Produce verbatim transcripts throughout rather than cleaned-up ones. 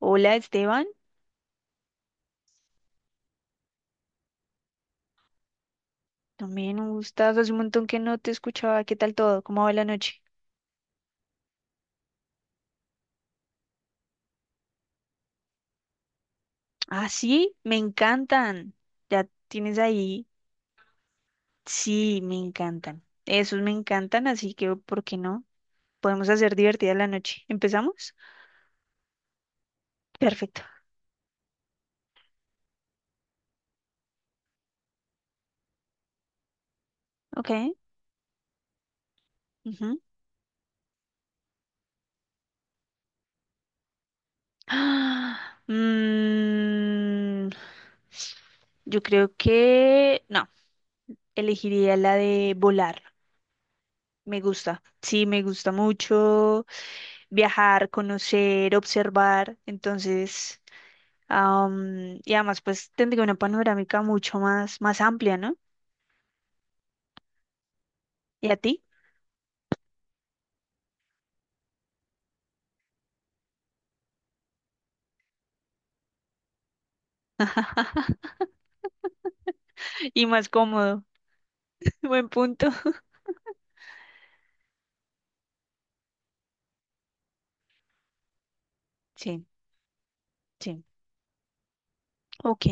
Hola Esteban, también un gustazo, hace un montón que no te escuchaba. ¿Qué tal todo? ¿Cómo va la noche? Ah, sí, me encantan, ya tienes ahí, sí, me encantan, esos me encantan, así que, ¿por qué no? Podemos hacer divertida la noche, ¿empezamos? Perfecto, ok. Ujú. Ah, mm, yo creo que, no, elegiría la de volar, me gusta, sí, me gusta mucho. Viajar, conocer, observar. Entonces, am, y además, pues tendría una panorámica mucho más, más amplia, ¿no? Y a ti, y más cómodo. Buen punto. Sí, sí. Ok,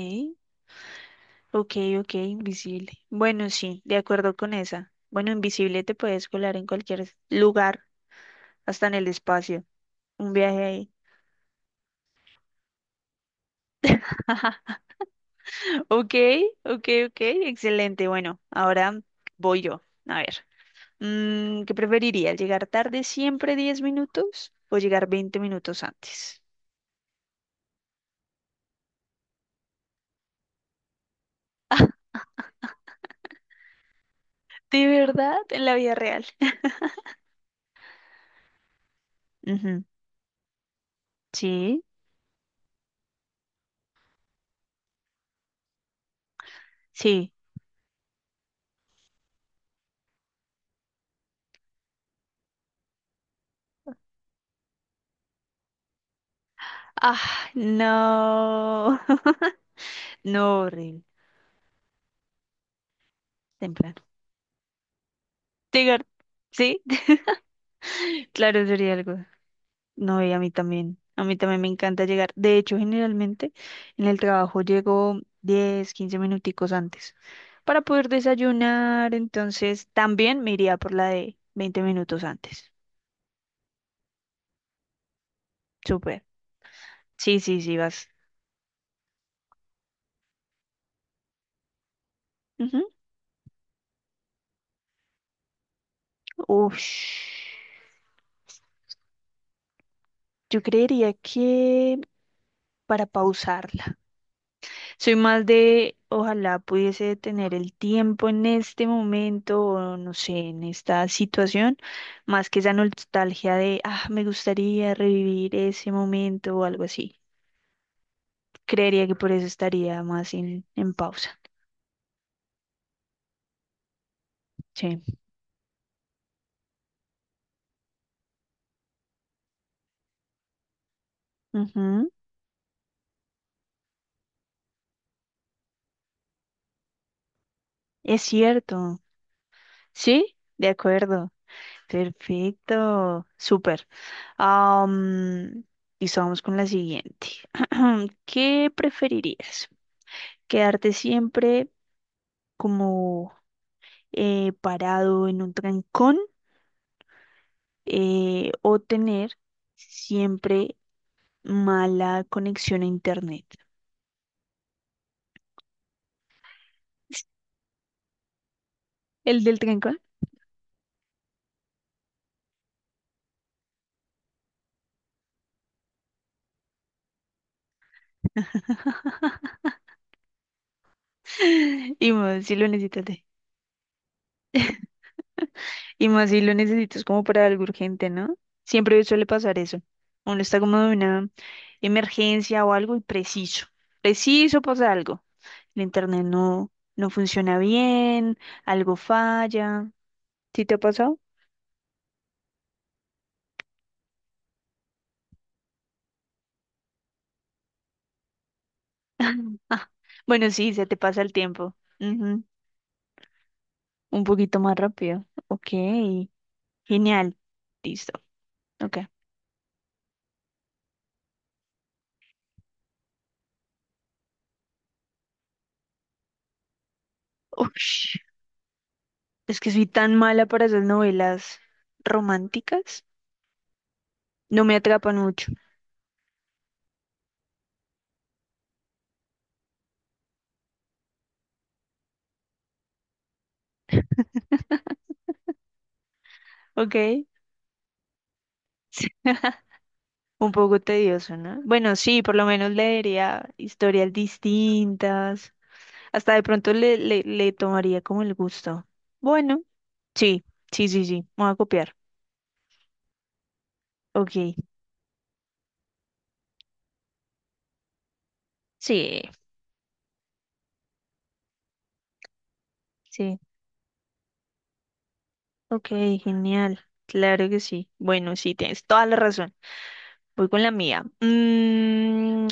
ok, ok, invisible. Bueno, sí, de acuerdo con esa. Bueno, invisible te puedes colar en cualquier lugar, hasta en el espacio. Un viaje ahí. Ok, ok, ok, excelente. Bueno, ahora voy yo. A ver. Mm, ¿qué preferiría? ¿Llegar tarde siempre diez minutos o llegar veinte minutos antes? ¿De verdad? En la vida real. Ujú. Sí, sí. Ah, no. No, horrible. Temprano. Llegar. Sí, claro, sería algo. No, y a mí también. A mí también me encanta llegar. De hecho, generalmente en el trabajo llego diez, quince minuticos antes para poder desayunar. Entonces, también me iría por la de veinte minutos antes. Súper. Sí, sí, sí, vas. Ujú. Ush. Yo creería que para pausarla. Soy más de, ojalá pudiese tener el tiempo en este momento, o no sé, en esta situación, más que esa nostalgia de, ah, me gustaría revivir ese momento o algo así. Creería que por eso estaría más en, en pausa. Sí. Ujú. Es cierto. Sí, de acuerdo. Perfecto. Súper. Am, listo, vamos con la siguiente. ¿Qué preferirías? ¿Quedarte siempre como eh, parado en un trancón, eh, o tener siempre mala conexión a internet? El del trancón. Y más si lo necesitas. de- Y más si lo necesitas como para algo urgente, ¿no? Siempre suele pasar eso. Uno está como de una emergencia o algo y preciso. Preciso pasa algo. El internet no, no funciona bien, algo falla. ¿Sí te ha pasado? Ah, bueno, sí, se te pasa el tiempo. Ujú. Un poquito más rápido. Ok, genial. Listo. Ok. Ush, es que soy tan mala para esas novelas románticas. No me atrapan mucho. Ok. Un poco tedioso, ¿no? Bueno, sí, por lo menos leería historias distintas. Hasta de pronto le, le, le tomaría como el gusto. Bueno, sí, sí, sí, sí. Me voy a copiar. Ok. Sí, sí. Ok, genial. Claro que sí. Bueno, sí, tienes toda la razón. Voy con la mía. Mm,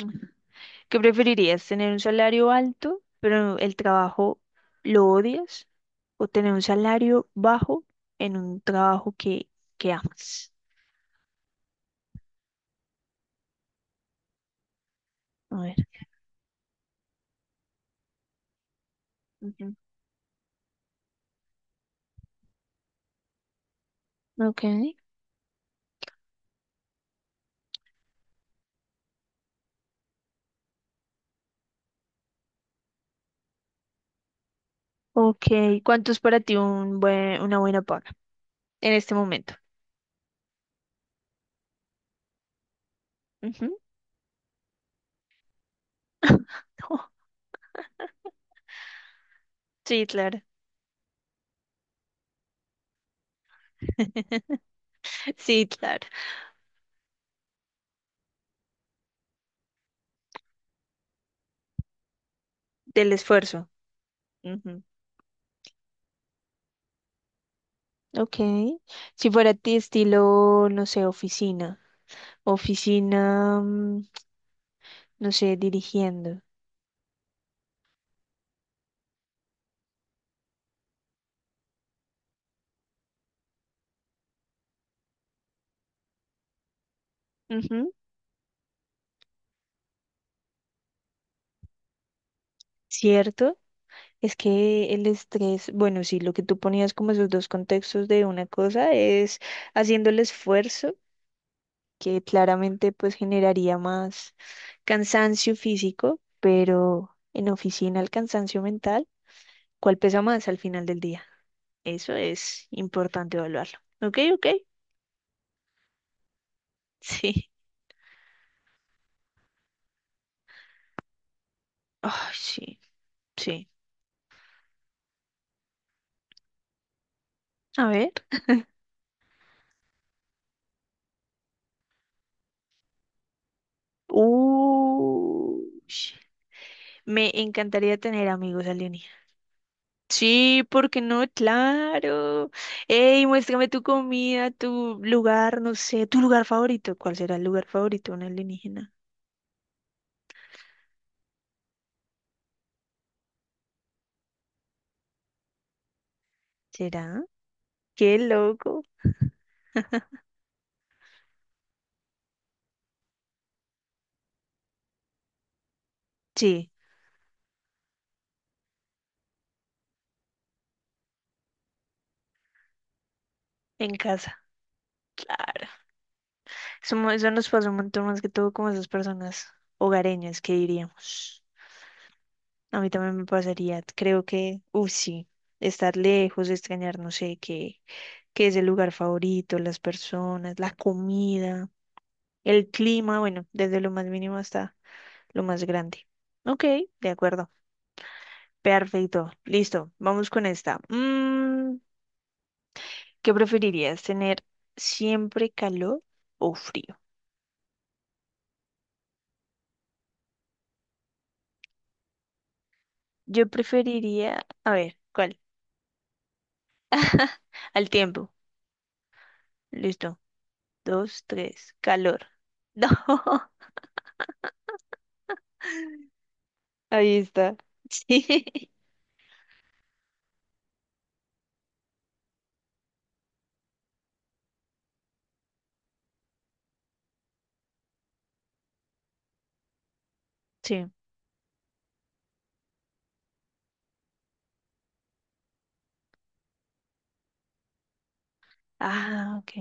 ¿qué preferirías? ¿Tener un salario alto, pero el trabajo lo odias? ¿O tener un salario bajo en un trabajo que, que amas? A ver. Ujú. Ok. Ok. ¿Cuánto es para ti un buen, una buena paga en este momento? Ujú. Sí, claro. Sí, claro, del esfuerzo. Ujú. Ok. Si fuera ti estilo, no sé, oficina. Oficina, mm, no sé, dirigiendo. Ujú. ¿Cierto? Es que el estrés, bueno, sí, lo que tú ponías como esos dos contextos de una cosa es haciendo el esfuerzo, que claramente pues generaría más cansancio físico, pero en oficina el cansancio mental, ¿cuál pesa más al final del día? Eso es importante evaluarlo. ¿Ok? ¿Ok? Sí. Ay, sí, sí. A ver. Uy, me encantaría tener amigos alienígenas. Sí, ¿por qué no? Claro. Ey, muéstrame tu comida, tu lugar, no sé, tu lugar favorito. ¿Cuál será el lugar favorito de un alienígena? ¿Será? Qué loco. Sí, en casa. Claro. Eso, mo- eso nos pasa un montón más que todo como esas personas hogareñas que diríamos. A mí también me pasaría, creo que, uff, sí, estar lejos, extrañar, no sé, qué, qué es el lugar favorito, las personas, la comida, el clima, bueno, desde lo más mínimo hasta lo más grande. Ok, de acuerdo, perfecto, listo, vamos con esta. Mm, ¿qué preferirías, tener siempre calor o frío? Yo preferiría, a ver, ¿cuál? Al tiempo, listo, dos, tres, calor. No. Ahí está. Sí. Sí. Ah, ok.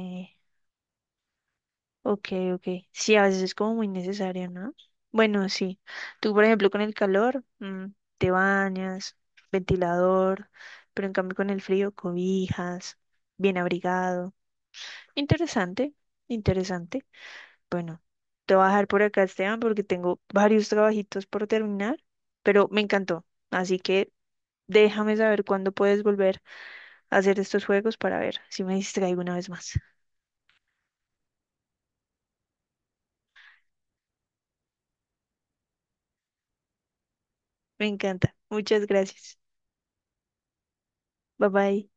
Ok, ok. Sí, a veces es como muy necesario, ¿no? Bueno, sí. Tú, por ejemplo, con el calor, mm, te bañas, ventilador, pero en cambio con el frío, cobijas, bien abrigado. Interesante, interesante. Bueno, te voy a dejar por acá, Esteban, porque tengo varios trabajitos por terminar, pero me encantó. Así que déjame saber cuándo puedes volver. Hacer estos juegos para ver si me distraigo una vez más. Me encanta. Muchas gracias. Bye bye.